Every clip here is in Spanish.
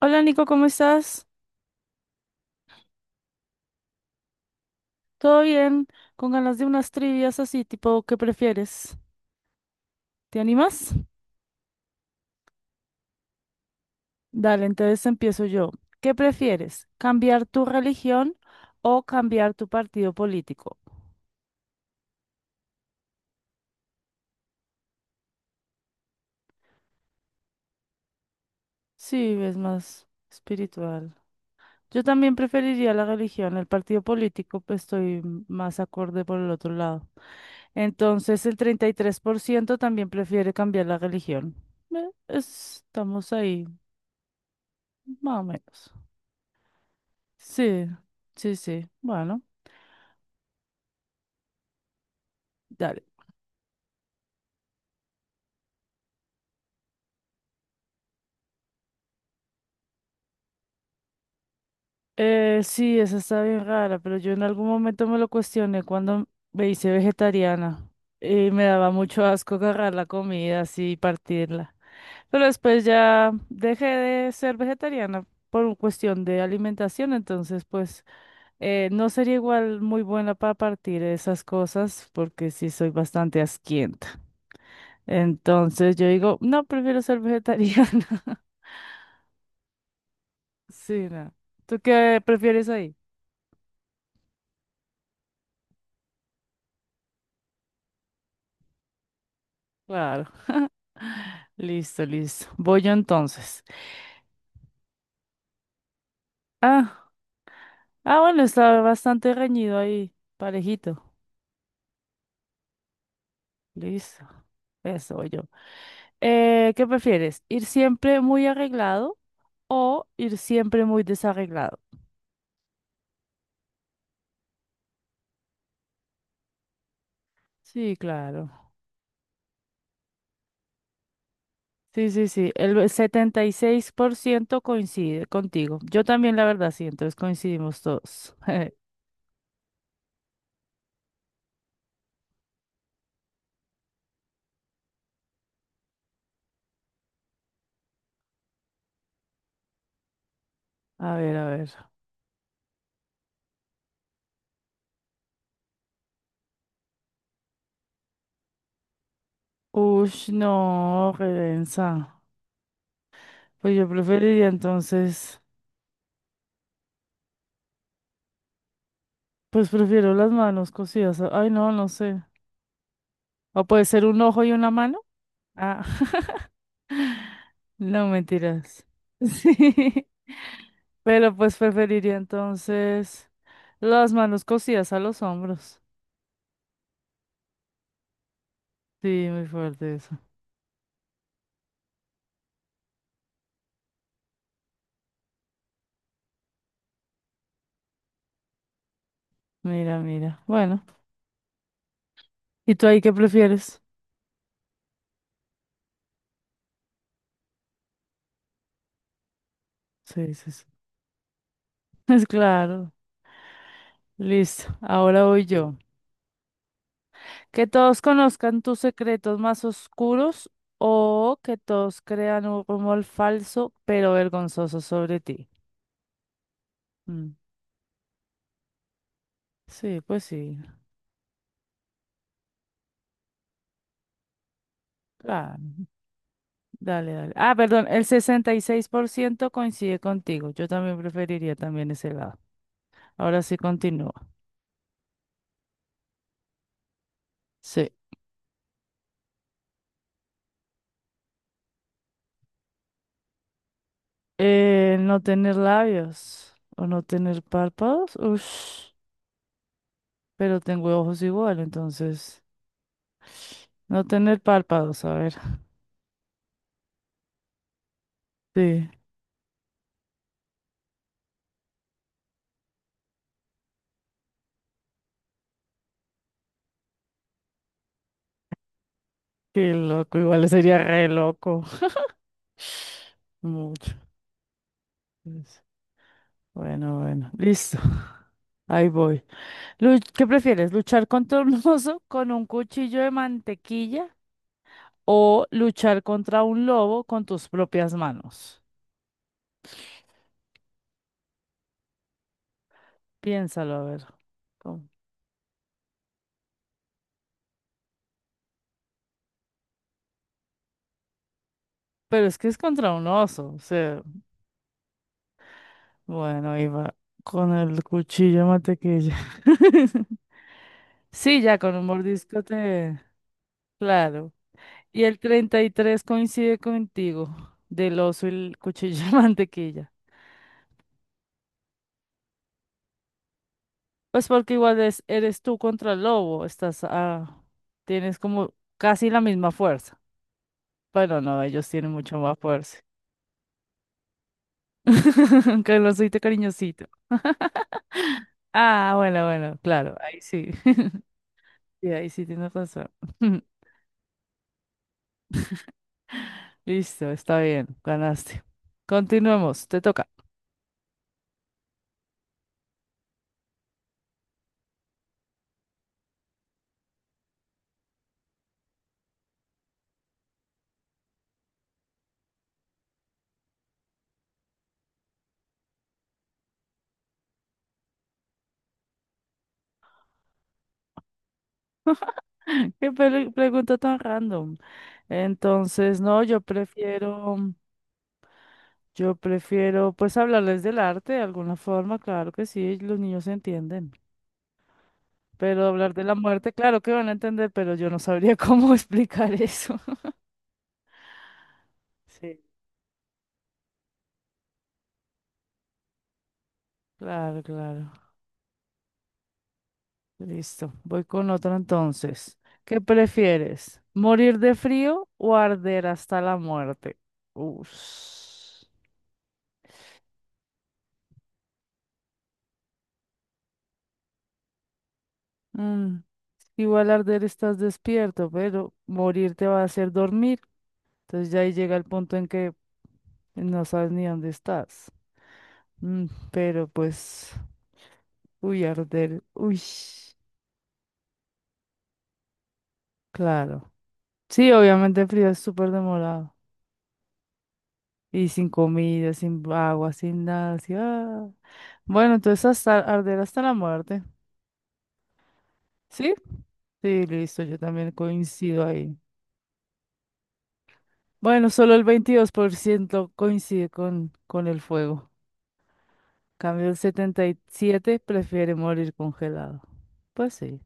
Hola Nico, ¿cómo estás? ¿Todo bien? Con ganas de unas trivias así, tipo, ¿qué prefieres? ¿Te animas? Dale, entonces empiezo yo. ¿Qué prefieres? ¿Cambiar tu religión o cambiar tu partido político? Sí, es más espiritual. Yo también preferiría la religión, el partido político, pues estoy más acorde por el otro lado. Entonces, el 33% también prefiere cambiar la religión. Estamos ahí, más o menos. Sí, sí, sí. Bueno, dale. Sí, esa está bien rara, pero yo en algún momento me lo cuestioné cuando me hice vegetariana y me daba mucho asco agarrar la comida así y partirla. Pero después ya dejé de ser vegetariana por un cuestión de alimentación, entonces pues no sería igual muy buena para partir esas cosas porque sí soy bastante asquienta. Entonces yo digo, no, prefiero ser vegetariana. Sí, no. ¿Tú qué prefieres ahí? Claro. Listo, listo. Voy yo entonces. Ah, ah, bueno, está bastante reñido ahí, parejito. Listo. Eso voy yo. ¿Qué prefieres? ¿Ir siempre muy arreglado o ir siempre muy desarreglado? Sí, claro. Sí, sí, sí. El 76% coincide contigo. Yo también, la verdad, sí. Entonces coincidimos todos. A ver, a ver. Ush, no, redensa. Pues yo preferiría entonces, pues prefiero las manos cosidas. Ay, no, no sé. O puede ser un ojo y una mano. Ah, no mentiras. Sí. Pero pues preferiría entonces las manos cosidas a los hombros. Sí, muy fuerte eso. Mira, mira. Bueno, ¿y tú ahí qué prefieres? Sí, sí, sí. Es claro. Listo. Ahora voy yo. Que todos conozcan tus secretos más oscuros o que todos crean un rumor falso pero vergonzoso sobre ti. Mm, Sí, pues sí. Claro. Dale, dale. Ah, perdón, el 66% coincide contigo. Yo también preferiría también ese lado. Ahora sí continúa. Sí. No tener labios o no tener párpados. Ush, pero tengo ojos igual, entonces. No tener párpados, a ver. Sí. Qué loco, igual sería re loco. Mucho. Pues. Bueno, bueno. Listo. Ahí voy. ¿Qué prefieres? ¿Luchar contra un oso con un cuchillo de mantequilla o luchar contra un lobo con tus propias manos? Piénsalo, a ver. ¿Cómo? Pero es que es contra un oso. O sea, bueno, iba con el cuchillo de mantequilla. Sí, ya con un mordisco te... Claro. Y el 33% coincide contigo, del oso y el cuchillo de mantequilla. Pues porque igual eres tú contra el lobo, estás ah, tienes como casi la misma fuerza. Bueno, no, ellos tienen mucho más fuerza. Aunque el osito cariñosito. Ah, bueno, bueno, claro, ahí sí. Sí, ahí sí tienes razón. Listo, está bien, ganaste. Continuemos, te toca. Qué pregunta tan random. Entonces, no, yo prefiero. Yo prefiero, pues, hablarles del arte de alguna forma, claro que sí, los niños entienden. Pero hablar de la muerte, claro que van a entender, pero yo no sabría cómo explicar eso. Sí. Claro, claro. Listo. Voy con otro entonces. ¿Qué prefieres? ¿Morir de frío o arder hasta la muerte? Uf. Mm, Igual arder estás despierto, pero morir te va a hacer dormir. Entonces ya ahí llega el punto en que no sabes ni dónde estás. Mm, pero pues, uy, arder, uy, claro. Sí, obviamente el frío es súper demorado. Y sin comida, sin agua, sin nada, así. Ah. Bueno, entonces hasta arder hasta la muerte. ¿Sí? Sí, listo, yo también coincido ahí. Bueno, solo el 22% coincide con el fuego. Cambio el 77% prefiere morir congelado. Pues sí.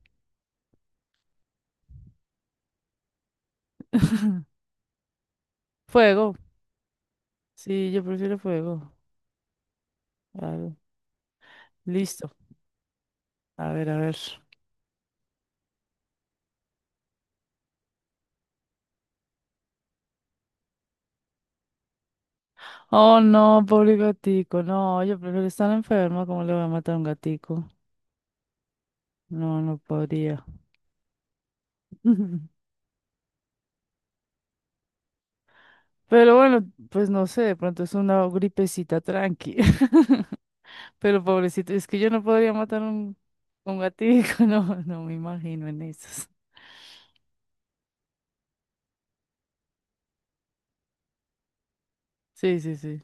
Fuego. Sí, yo prefiero fuego. Claro. Listo. A ver, a ver. Oh, no, pobre gatico. No, yo prefiero estar enferma. ¿Cómo le voy a matar a un gatico? No, no podría. Pero bueno, pues no sé, de pronto es una gripecita tranqui. Pero pobrecito, es que yo no podría matar un gatico. No, no me imagino en esas. Sí, sí, sí.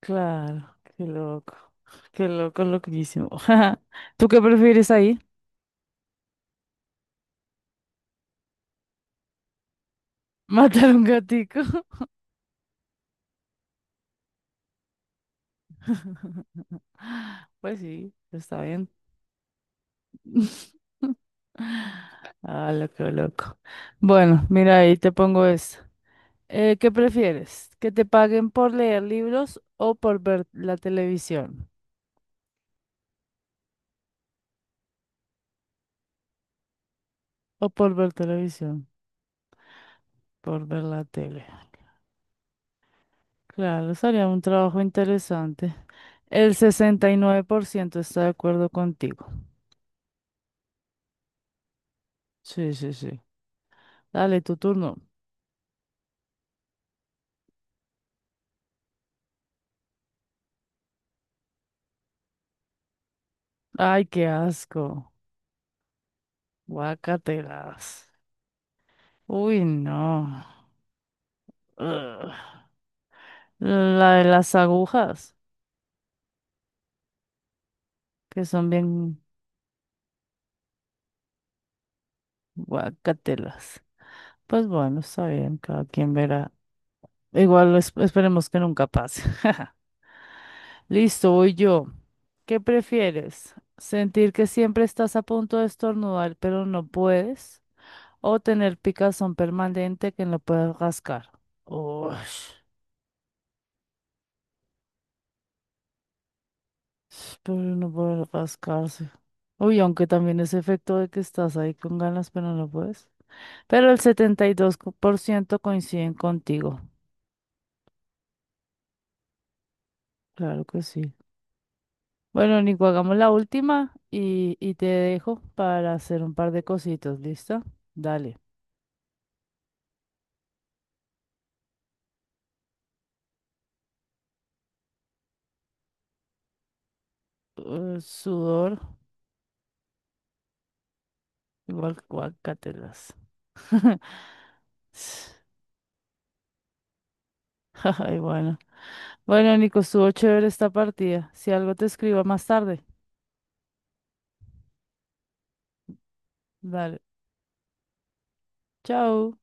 Claro, qué loco. Qué loco, loquísimo. ¿Tú qué prefieres ahí? ¿Matar un gatico? Pues sí, está bien. Ah, loco, loco. Bueno, mira, ahí te pongo esto. ¿Qué prefieres? ¿Que te paguen por leer libros o por ver la televisión? O por ver televisión, por ver la tele. Claro, sería un trabajo interesante. El 69% está de acuerdo contigo. Sí, sí, sí. Dale, tu turno. Ay, qué asco. Guacatelas. Uy, no. Ugh. La de las agujas, que son bien. Guacatelas. Pues bueno, está bien, cada quien verá. Esperemos que nunca pase. Listo, voy yo. ¿Qué prefieres? ¿Sentir que siempre estás a punto de estornudar, pero no puedes? ¿O tener picazón permanente que no puedes rascar? Ush, pero no puedes rascarse. Uy, aunque también ese efecto de que estás ahí con ganas, pero no puedes. Pero el 72% coinciden contigo. Claro que sí. Bueno, Nico, hagamos la última y, te dejo para hacer un par de cositas, ¿listo? Dale. Sudor, igual que guacatelas. Ay, bueno. Bueno, Nico, estuvo chévere esta partida. Si algo te escribo más tarde. Dale. Chao.